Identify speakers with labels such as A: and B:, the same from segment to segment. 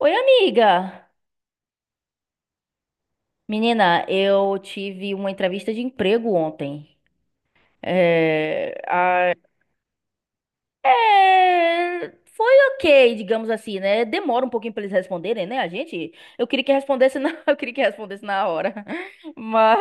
A: Oi, amiga! Menina, eu tive uma entrevista de emprego ontem. É, a- foi ok, digamos assim, né? Demora um pouquinho pra eles responderem, né? Eu queria que respondesse na, eu queria que respondesse na hora, mas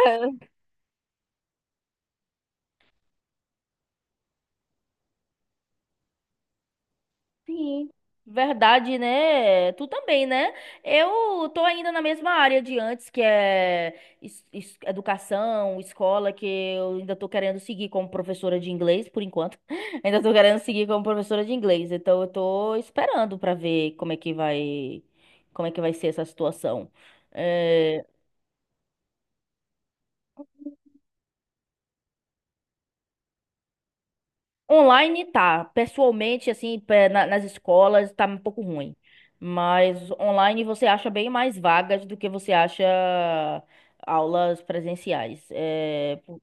A: sim, verdade, né? Tu também, né? Eu tô ainda na mesma área de antes, que é educação, escola, que eu ainda tô querendo seguir como professora de inglês, por enquanto. Ainda tô querendo seguir como professora de inglês. Então eu tô esperando pra ver como é que vai, como é que vai ser essa situação. É, Online tá, pessoalmente, assim, nas escolas tá um pouco ruim. Mas online você acha bem mais vagas do que você acha aulas presenciais.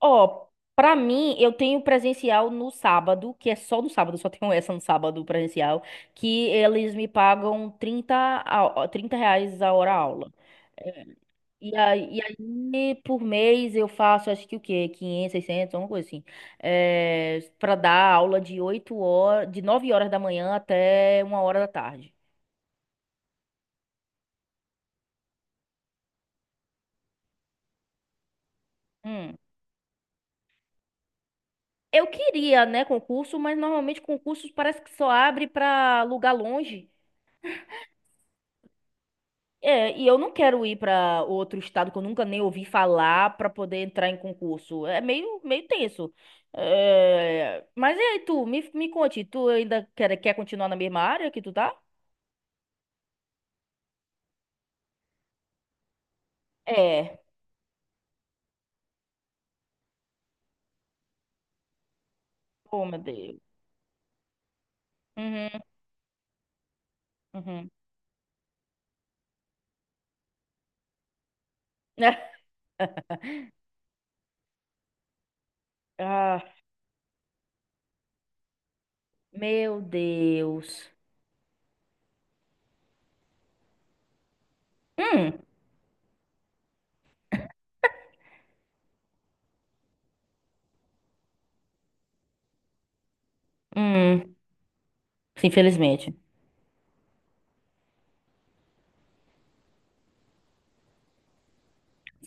A: Ó, pra mim, eu tenho presencial no sábado, que é só no sábado, só tenho essa no sábado presencial, que eles me pagam 30 reais a hora aula. E aí, por mês, eu faço, acho que o quê? Quinhentos, 600, alguma coisa assim. É, para dar aula de 8 horas, de 9 horas da manhã até uma hora da tarde. Hum. Eu queria, né, concurso, mas normalmente concursos parece que só abre pra lugar longe. É, e eu não quero ir pra outro estado que eu nunca nem ouvi falar pra poder entrar em concurso. É meio, meio tenso. É, mas e aí, tu? Me conte, tu ainda quer, quer continuar na mesma área que tu tá? É. Oh, meu Deus. Uhum, uhum. Ah, meu Deus. Hum, hum. Infelizmente.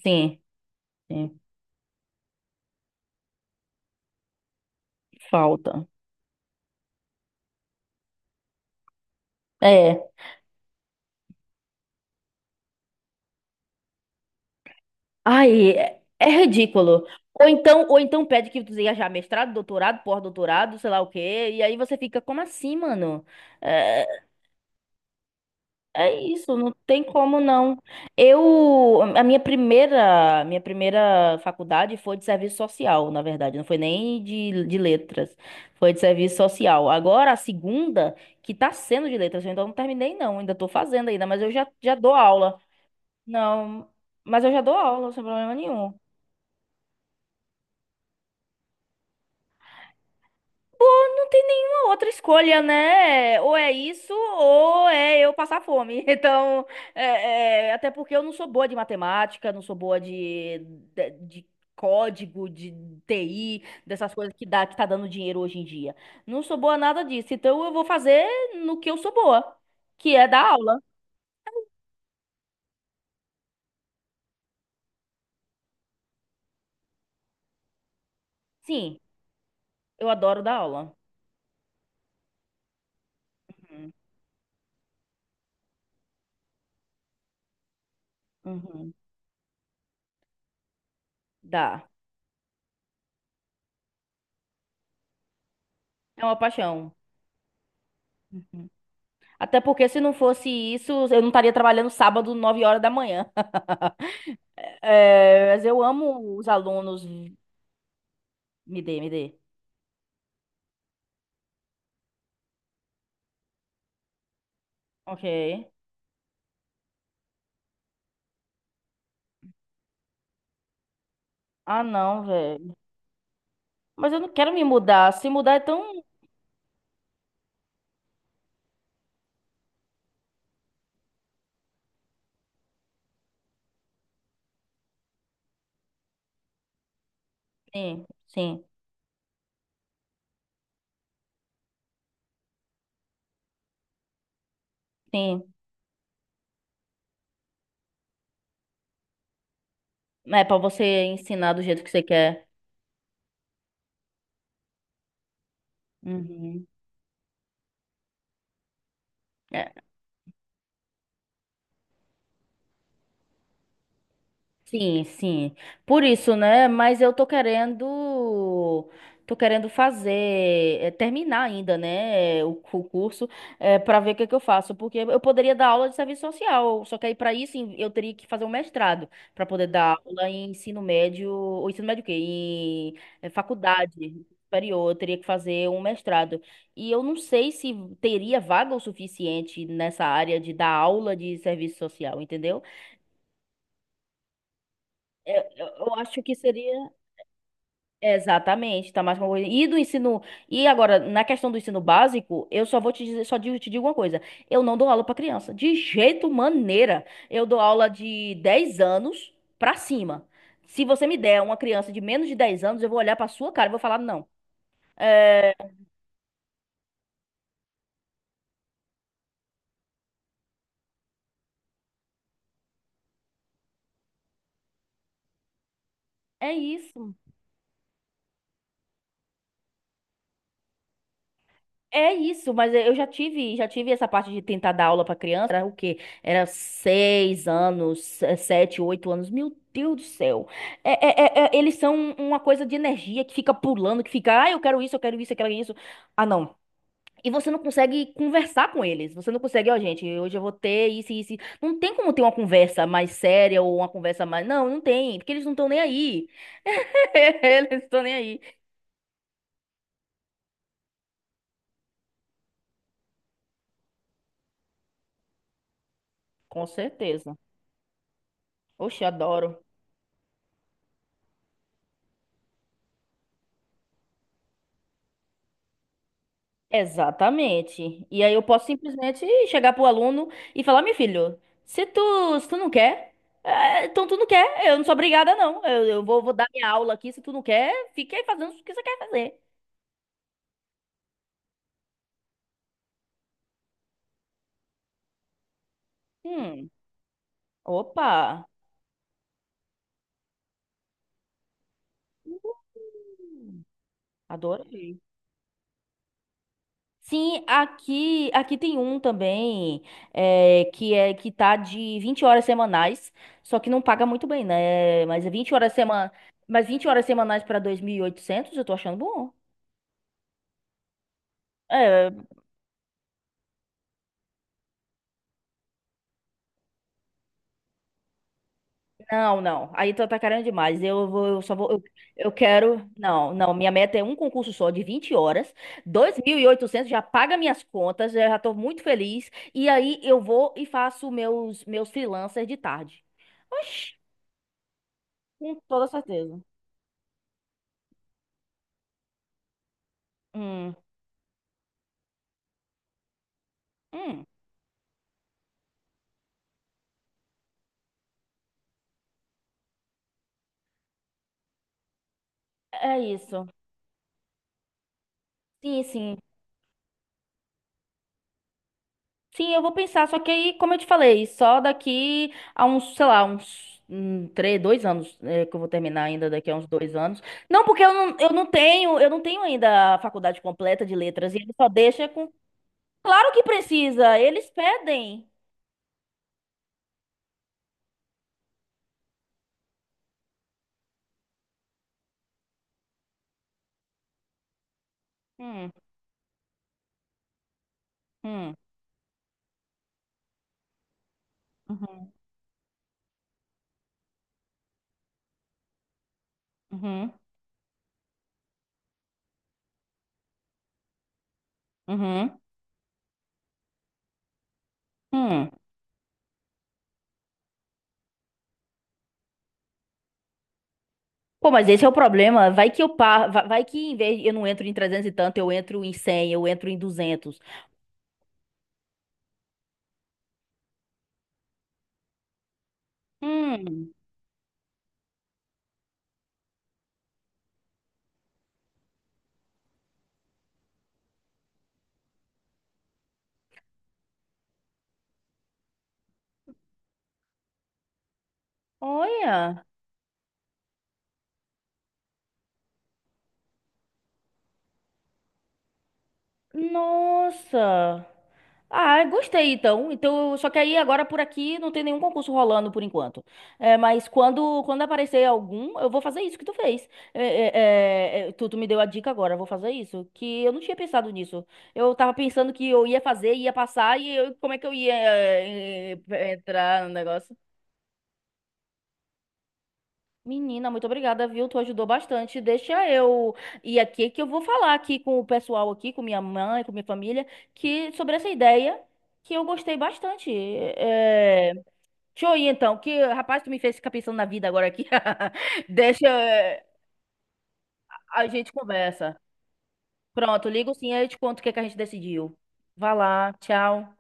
A: Sim, sim. Falta. É. Ai, é, é ridículo. Ou então pede que tu seja já mestrado, doutorado, pós-doutorado, sei lá o quê. E aí você fica, como assim, mano? É, é isso, não tem como não. A minha primeira faculdade foi de serviço social, na verdade, não foi nem de letras, foi de serviço social. Agora a segunda, que tá sendo de letras, eu ainda não terminei não, ainda tô fazendo ainda, mas já dou aula. Não, mas eu já dou aula, sem problema nenhum. Não tem nenhuma outra escolha, né? Ou é isso, ou é eu passar fome. Então, até porque eu não sou boa de matemática, não sou boa de código, de TI, dessas coisas que dá, que tá dando dinheiro hoje em dia. Não sou boa nada disso. Então, eu vou fazer no que eu sou boa, que é dar aula. Sim, eu adoro dar aula. Uhum. Uhum. Dá. É uma paixão. Uhum. Até porque se não fosse isso, eu não estaria trabalhando sábado, 9 horas da manhã. É, mas eu amo os alunos. Me dê, me dê. Ok. Ah, não, velho. Mas eu não quero me mudar. Se mudar é tão. Sim, sim, sim. É pra você ensinar do jeito que você quer. Uhum. É. Sim, sim. Por isso, né? Mas eu tô querendo fazer, terminar ainda, né? O curso, é, para ver o que que eu faço, porque eu poderia dar aula de serviço social, só que aí para isso eu teria que fazer um mestrado para poder dar aula em ensino médio, ou ensino médio o quê? Em faculdade. Superior, eu teria que fazer um mestrado. E eu não sei se teria vaga o suficiente nessa área de dar aula de serviço social, entendeu? Eu acho que seria. Exatamente, tá mais uma coisa E do ensino. E agora, na questão do ensino básico, eu só vou te dizer, só digo, te digo uma coisa. Eu não dou aula pra criança. De jeito maneira. Eu dou aula de 10 anos pra cima. Se você me der uma criança de menos de 10 anos, eu vou olhar pra sua cara e vou falar, não. É, é isso. É isso, mas já tive essa parte de tentar dar aula para criança. Era o quê? Era seis anos, sete, oito anos. Meu Deus do céu. É, eles são uma coisa de energia que fica pulando, que fica, ah, eu quero isso, eu quero isso, eu quero isso. Ah, não. E você não consegue conversar com eles. Você não consegue, ó, gente, hoje eu vou ter isso e isso. Não tem como ter uma conversa mais séria ou uma conversa mais. Não, não tem, porque eles não estão nem aí. Eles não estão nem aí. Com certeza. Oxe, adoro. Exatamente. E aí eu posso simplesmente chegar pro aluno e falar, meu filho, se tu, se tu não quer, então tu não quer, eu não sou obrigada, não. Eu vou, vou dar minha aula aqui, se tu não quer, fica aí fazendo o que você quer fazer. Hum, opa, adorei. Sim, aqui tem um também que é que tá de 20 horas semanais, só que não paga muito bem, né? Mas é 20 horas semana, mas 20 horas semanais para 2.800, eu tô achando bom. É, não, não. Aí tá querendo demais. Eu vou, eu só vou, eu quero. Não, não. Minha meta é um concurso só de 20 horas. 2.800 já paga minhas contas, eu já tô muito feliz. E aí eu vou e faço meus freelancers de tarde. Oxi, com toda certeza. Hum, hum. É isso. Sim, sim. Sim, eu vou pensar, só que aí, como eu te falei, só daqui a uns, sei lá, uns três, dois anos, é, que eu vou terminar ainda daqui a uns dois anos. Não, porque eu não tenho ainda a faculdade completa de letras, e ele só deixa com. Claro que precisa, eles pedem. Hum, hum, uhum, uhum, uhum, hum. Pô, mas esse é o problema. Vai que eu par... vai que em vez eu não entro em 300 e tanto, eu entro em cem, eu entro em duzentos. Hum, olha. Nossa. Ah, gostei então. Então, só que aí agora por aqui não tem nenhum concurso rolando por enquanto. É, mas quando aparecer algum, eu vou fazer isso que tu fez. Tu me deu a dica agora, eu vou fazer isso. Que eu não tinha pensado nisso. Eu tava pensando que eu ia fazer, ia passar e como é que eu ia entrar no negócio? Menina, muito obrigada, viu? Tu ajudou bastante. Deixa eu ir aqui que eu vou falar aqui com o pessoal aqui, com minha mãe, com minha família, que sobre essa ideia que eu gostei bastante. É... Deixa eu ir então, que rapaz, tu me fez ficar pensando na vida agora aqui. Deixa é, a gente conversa. Pronto, ligo sim, aí eu te conto o que é que a gente decidiu. Vá lá, tchau.